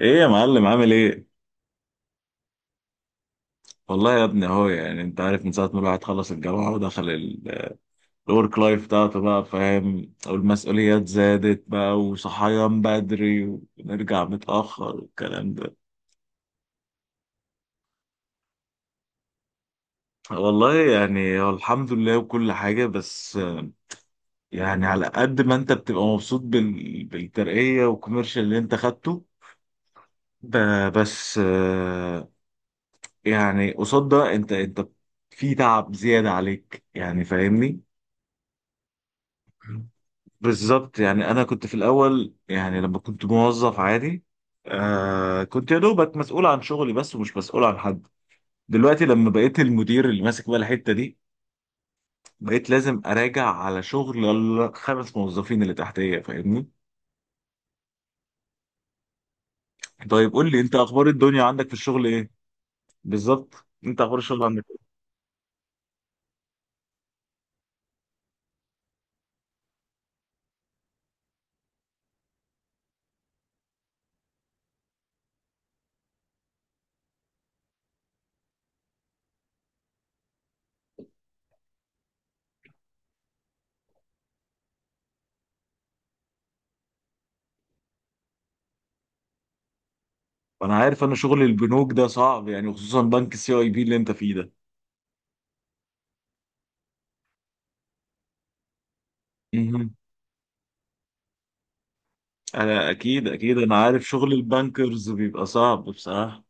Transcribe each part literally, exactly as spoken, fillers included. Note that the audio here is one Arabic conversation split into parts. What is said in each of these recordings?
ايه يا معلم، عامل ايه؟ والله يا ابني اهو، يعني انت عارف من ساعة ما الواحد خلص الجامعة ودخل الورك لايف بتاعته، بقى فاهم، والمسؤوليات زادت بقى، وصحيان بدري ونرجع متأخر والكلام ده. والله يعني هو الحمد لله وكل حاجة، بس يعني على قد ما انت بتبقى مبسوط بال... بالترقية والكوميرشال اللي انت خدته. ب... بس آه، يعني قصاد ده انت انت في تعب زيادة عليك، يعني فاهمني؟ بالظبط. يعني انا كنت في الاول، يعني لما كنت موظف عادي، آه كنت يا دوبك مسؤول عن شغلي بس، ومش مسؤول عن حد. دلوقتي لما بقيت المدير اللي ماسك بقى الحته دي، بقيت لازم اراجع على شغل الخمس موظفين اللي تحتيه، فاهمني؟ طيب قول لي، انت اخبار الدنيا عندك في الشغل ايه؟ بالظبط، انت اخبار الشغل عندك ايه؟ انا عارف، انا شغل البنوك ده صعب، يعني خصوصا بنك سي اي بي اللي انت فيه ده. مهم. انا اكيد اكيد انا عارف شغل البنكرز بيبقى صعب بصراحه.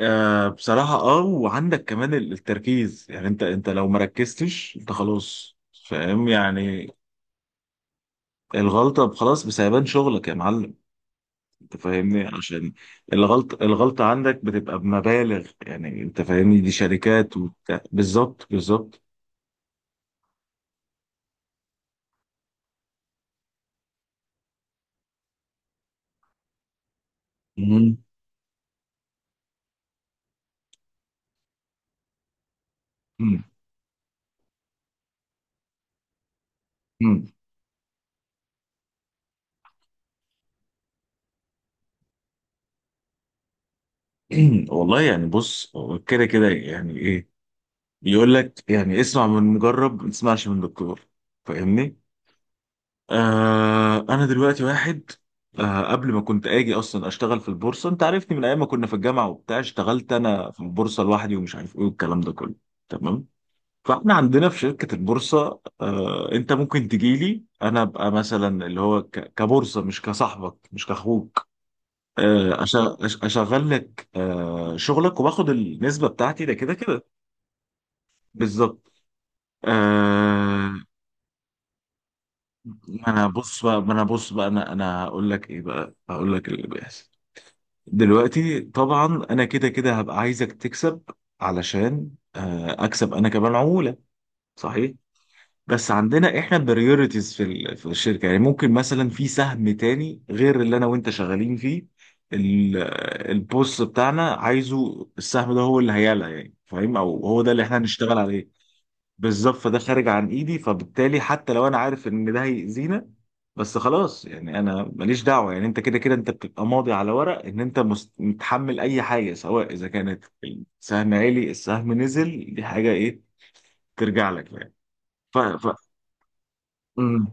آه بصراحة، اه وعندك كمان ال- التركيز، يعني انت انت لو ما ركزتش انت خلاص، فاهم يعني. الغلطة خلاص بسيبان شغلك يا معلم، انت فاهمني؟ عشان الغلطة الغلطة عندك بتبقى بمبالغ، يعني انت فاهمني، دي شركات وبتاع. بالظبط بالظبط. مم. مم. مم. والله يعني بص، هو كده كده، يعني ايه؟ يقول لك يعني: اسمع من مجرب ما تسمعش من دكتور. فاهمني؟ آه انا دلوقتي واحد، آه قبل ما كنت اجي اصلا اشتغل في البورصه، انت عارفني من ايام ما كنا في الجامعه وبتاع، اشتغلت انا في البورصه لوحدي ومش عارف ايه والكلام ده كله. تمام. فاحنا عندنا في شركه البورصه، آه انت ممكن تجي لي، انا ابقى مثلا اللي هو ك- كبورصه، مش كصاحبك مش كاخوك. آه أش- أش- اشغل لك آه شغلك وباخد النسبه بتاعتي، ده كده كده. بالظبط. آه ما انا بص بقى ما انا بص بقى انا انا هقول لك ايه بقى، هقول لك اللي بيحصل. دلوقتي طبعا انا كده كده هبقى عايزك تكسب، علشان آه، اكسب انا كمان عمولة. صحيح. بس عندنا احنا بريورتيز في ال- في الشركة، يعني ممكن مثلا في سهم تاني غير اللي انا وانت شغالين فيه. ال- البوس بتاعنا عايزه السهم ده هو اللي هيعلى، يعني فاهم؟ او هو ده اللي احنا هنشتغل عليه. بالظبط، فده خارج عن ايدي. فبالتالي حتى لو انا عارف ان ده هيأذينا، بس خلاص، يعني انا ماليش دعوه. يعني انت كده كده انت بتبقى ماضي على ورق ان انت مس- متحمل اي حاجه، سواء اذا كانت السهم عالي، السهم نزل، دي حاجه ايه ترجع لك يعني. ف... ف... مم.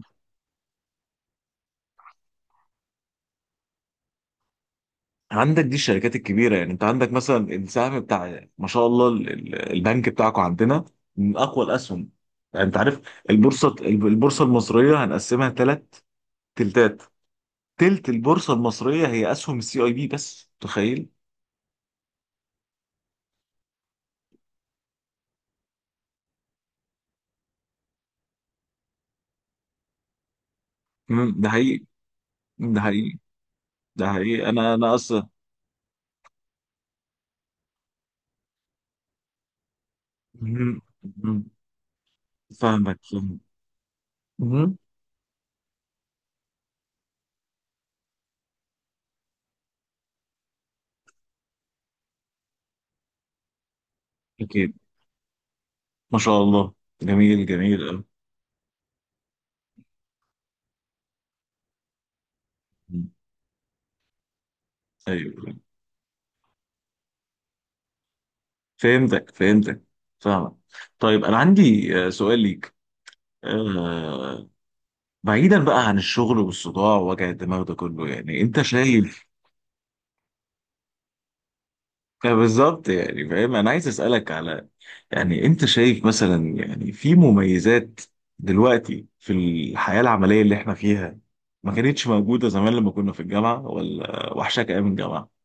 عندك، دي الشركات الكبيره، يعني انت عندك مثلا السهم بتاع ما شاء الله ال- ال- البنك بتاعكم عندنا من اقوى الاسهم، يعني انت عارف. البورصه البورصه المصريه هنقسمها ثلاث تلتات. تلت البورصة المصرية هي أسهم السي أي بي، بس تخيل. مم، ده حقيقي. ده حقيقي. ده حقيقي. أنا أنا أصلا. مم. مم. فاهمك فاهمك. مم. أكيد، ما شاء الله. جميل جميل أوي. مم. أيوه، فهمتك فهمتك. فاهمك. طيب أنا عندي آه، سؤال ليك. آه، بعيدا بقى عن الشغل والصداع ووجع الدماغ ده كله، يعني أنت شايف؟ آه، بالظبط، يعني فاهم. أنا عايز أسألك على، يعني انت شايف مثلا يعني في مميزات دلوقتي في الحياة العملية اللي احنا فيها ما كانتش موجودة زمان لما كنا في الجامعة؟ ولا وحشك ايام الجامعة؟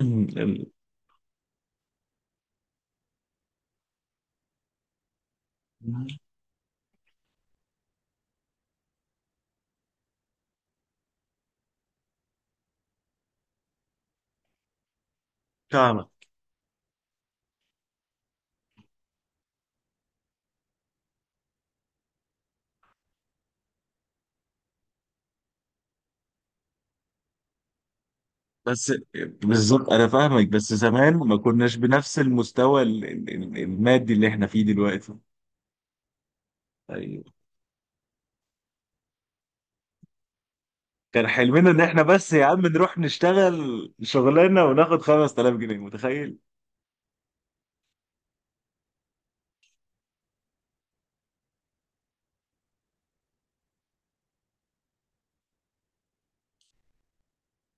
ال- فاهمك بس. بالظبط انا فاهمك. بس زمان ما كناش بنفس المستوى ال- ال- ال- المادي اللي احنا فيه دلوقتي. ايوه، كان حلمنا ان احنا بس يا عم نروح نشتغل شغلانة وناخد خمستلاف جنيه، متخيل؟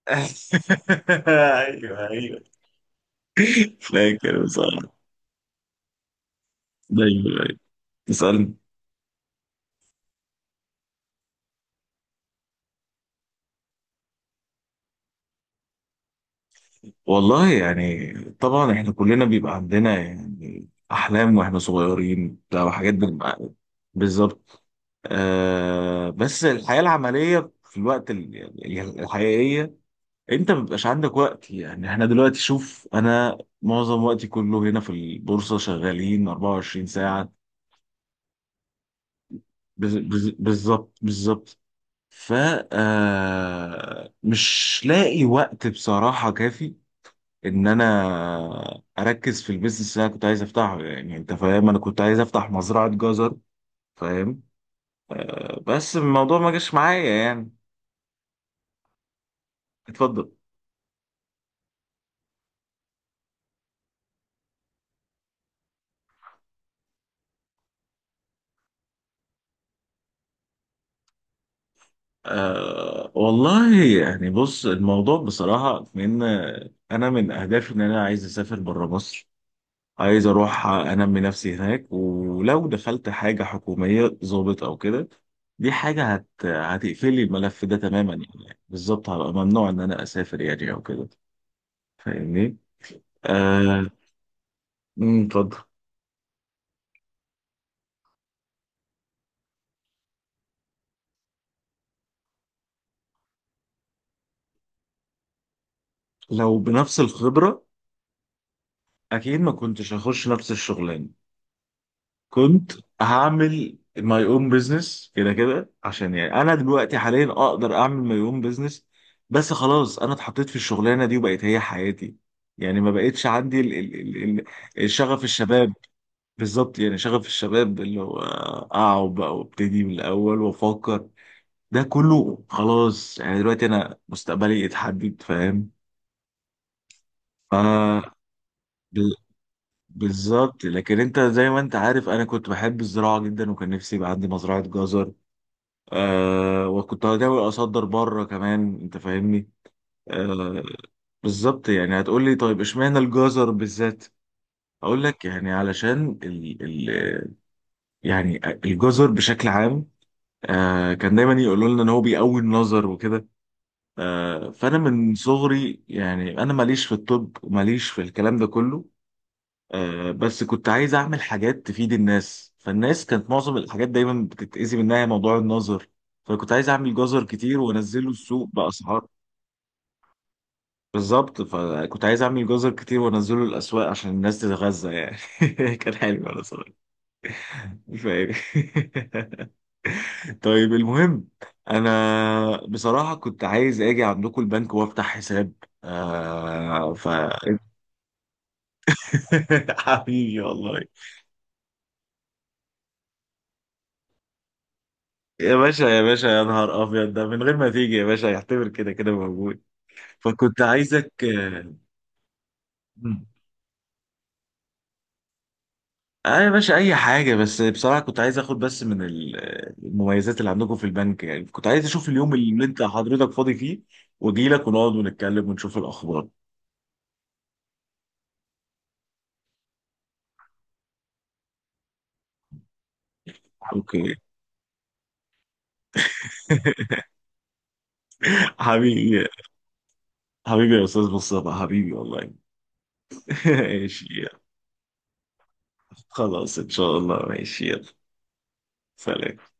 ايوه ايوه، فاكر بصراحة. ايوه ايوه، اسألني. والله يعني، طبعا احنا كلنا بيبقى عندنا يعني احلام واحنا صغيرين بتاع حاجات بنبقى- بالظبط. آه بس الحياة العملية في الوقت ال- يعني الحقيقية، انت ما بيبقاش عندك وقت. يعني احنا دلوقتي، شوف انا معظم وقتي كله هنا في البورصة، شغالين أربعة وعشرين ساعة. بز- بز- بالظبط بالظبط. ف آه، مش لاقي وقت بصراحة كافي ان انا اركز في البيزنس اللي انا كنت عايز افتحه. يعني انت فاهم، انا كنت عايز افتح مزرعة جزر. فاهم. آه بس الموضوع ما جاش معايا يعني. اتفضل. آه والله يعني بص، الموضوع بصراحة من، انا من اهدافي ان انا عايز اسافر بره مصر. عايز اروح انمي نفسي هناك، ولو دخلت حاجة حكومية ضابط او كده، دي حاجة هت... هتقفلي الملف ده تماما. يعني بالظبط، هبقى ممنوع ان انا اسافر يعني او كده، فاهمني؟ آه، أمم، اتفضل. لو بنفس الخبرة، أكيد ما كنتش هخش نفس الشغلانة. كنت هعمل ماي اون بزنس، كده كده عشان يعني أنا دلوقتي حاليا أقدر أعمل ماي اون بزنس. بس خلاص، أنا اتحطيت في الشغلانة دي وبقت هي حياتي، يعني ما بقتش عندي ال ال ال ال شغف الشباب. بالظبط، يعني شغف الشباب اللي هو أقعد بقى وابتدي من الأول وأفكر، ده كله خلاص. يعني دلوقتي أنا مستقبلي اتحدد، فاهم ف بالظبط، لكن انت زي ما انت عارف، انا كنت بحب الزراعه جدا، وكان نفسي يبقى عندي مزرعه جزر. آه وكنت هحاول اصدر بره كمان، انت فاهمني. آه بالظبط، يعني هتقول لي طيب اشمعنى الجزر بالذات؟ اقول لك يعني علشان ال ال يعني الجزر بشكل عام، آه كان دايما يقولوا لنا ان هو بيقوي النظر وكده. آه فانا من صغري، يعني انا ماليش في الطب وماليش في الكلام ده كله. آه، بس كنت عايز اعمل حاجات تفيد الناس، فالناس كانت معظم الحاجات دايما بتتأذي منها موضوع النظر. فكنت عايز اعمل جزر كتير وانزله السوق باسعار. بالظبط، فكنت عايز اعمل جزر كتير وانزله الاسواق عشان الناس تتغذى يعني. كان حلو انا صراحه، مش فاهم. طيب المهم، انا بصراحه كنت عايز اجي عندكم البنك وافتح حساب. آه ف حبيبي والله. يا باشا يا باشا، يا نهار ابيض، ده من غير ما تيجي يا باشا يعتبر كده كده موجود. فكنت عايزك آه مم. آه يا باشا، اي حاجه، بس بصراحه كنت عايز اخد بس من ال- المميزات اللي عندكم في البنك. يعني كنت عايز اشوف اليوم اللي انت حضرتك فاضي فيه واجي لك ونقعد ونتكلم ونشوف الاخبار. اوكي. حبيبي، حبيبي يا استاذ مصطفى، حبيبي والله. ماشي. خلاص ان شاء الله، ماشي. يلا، سلام.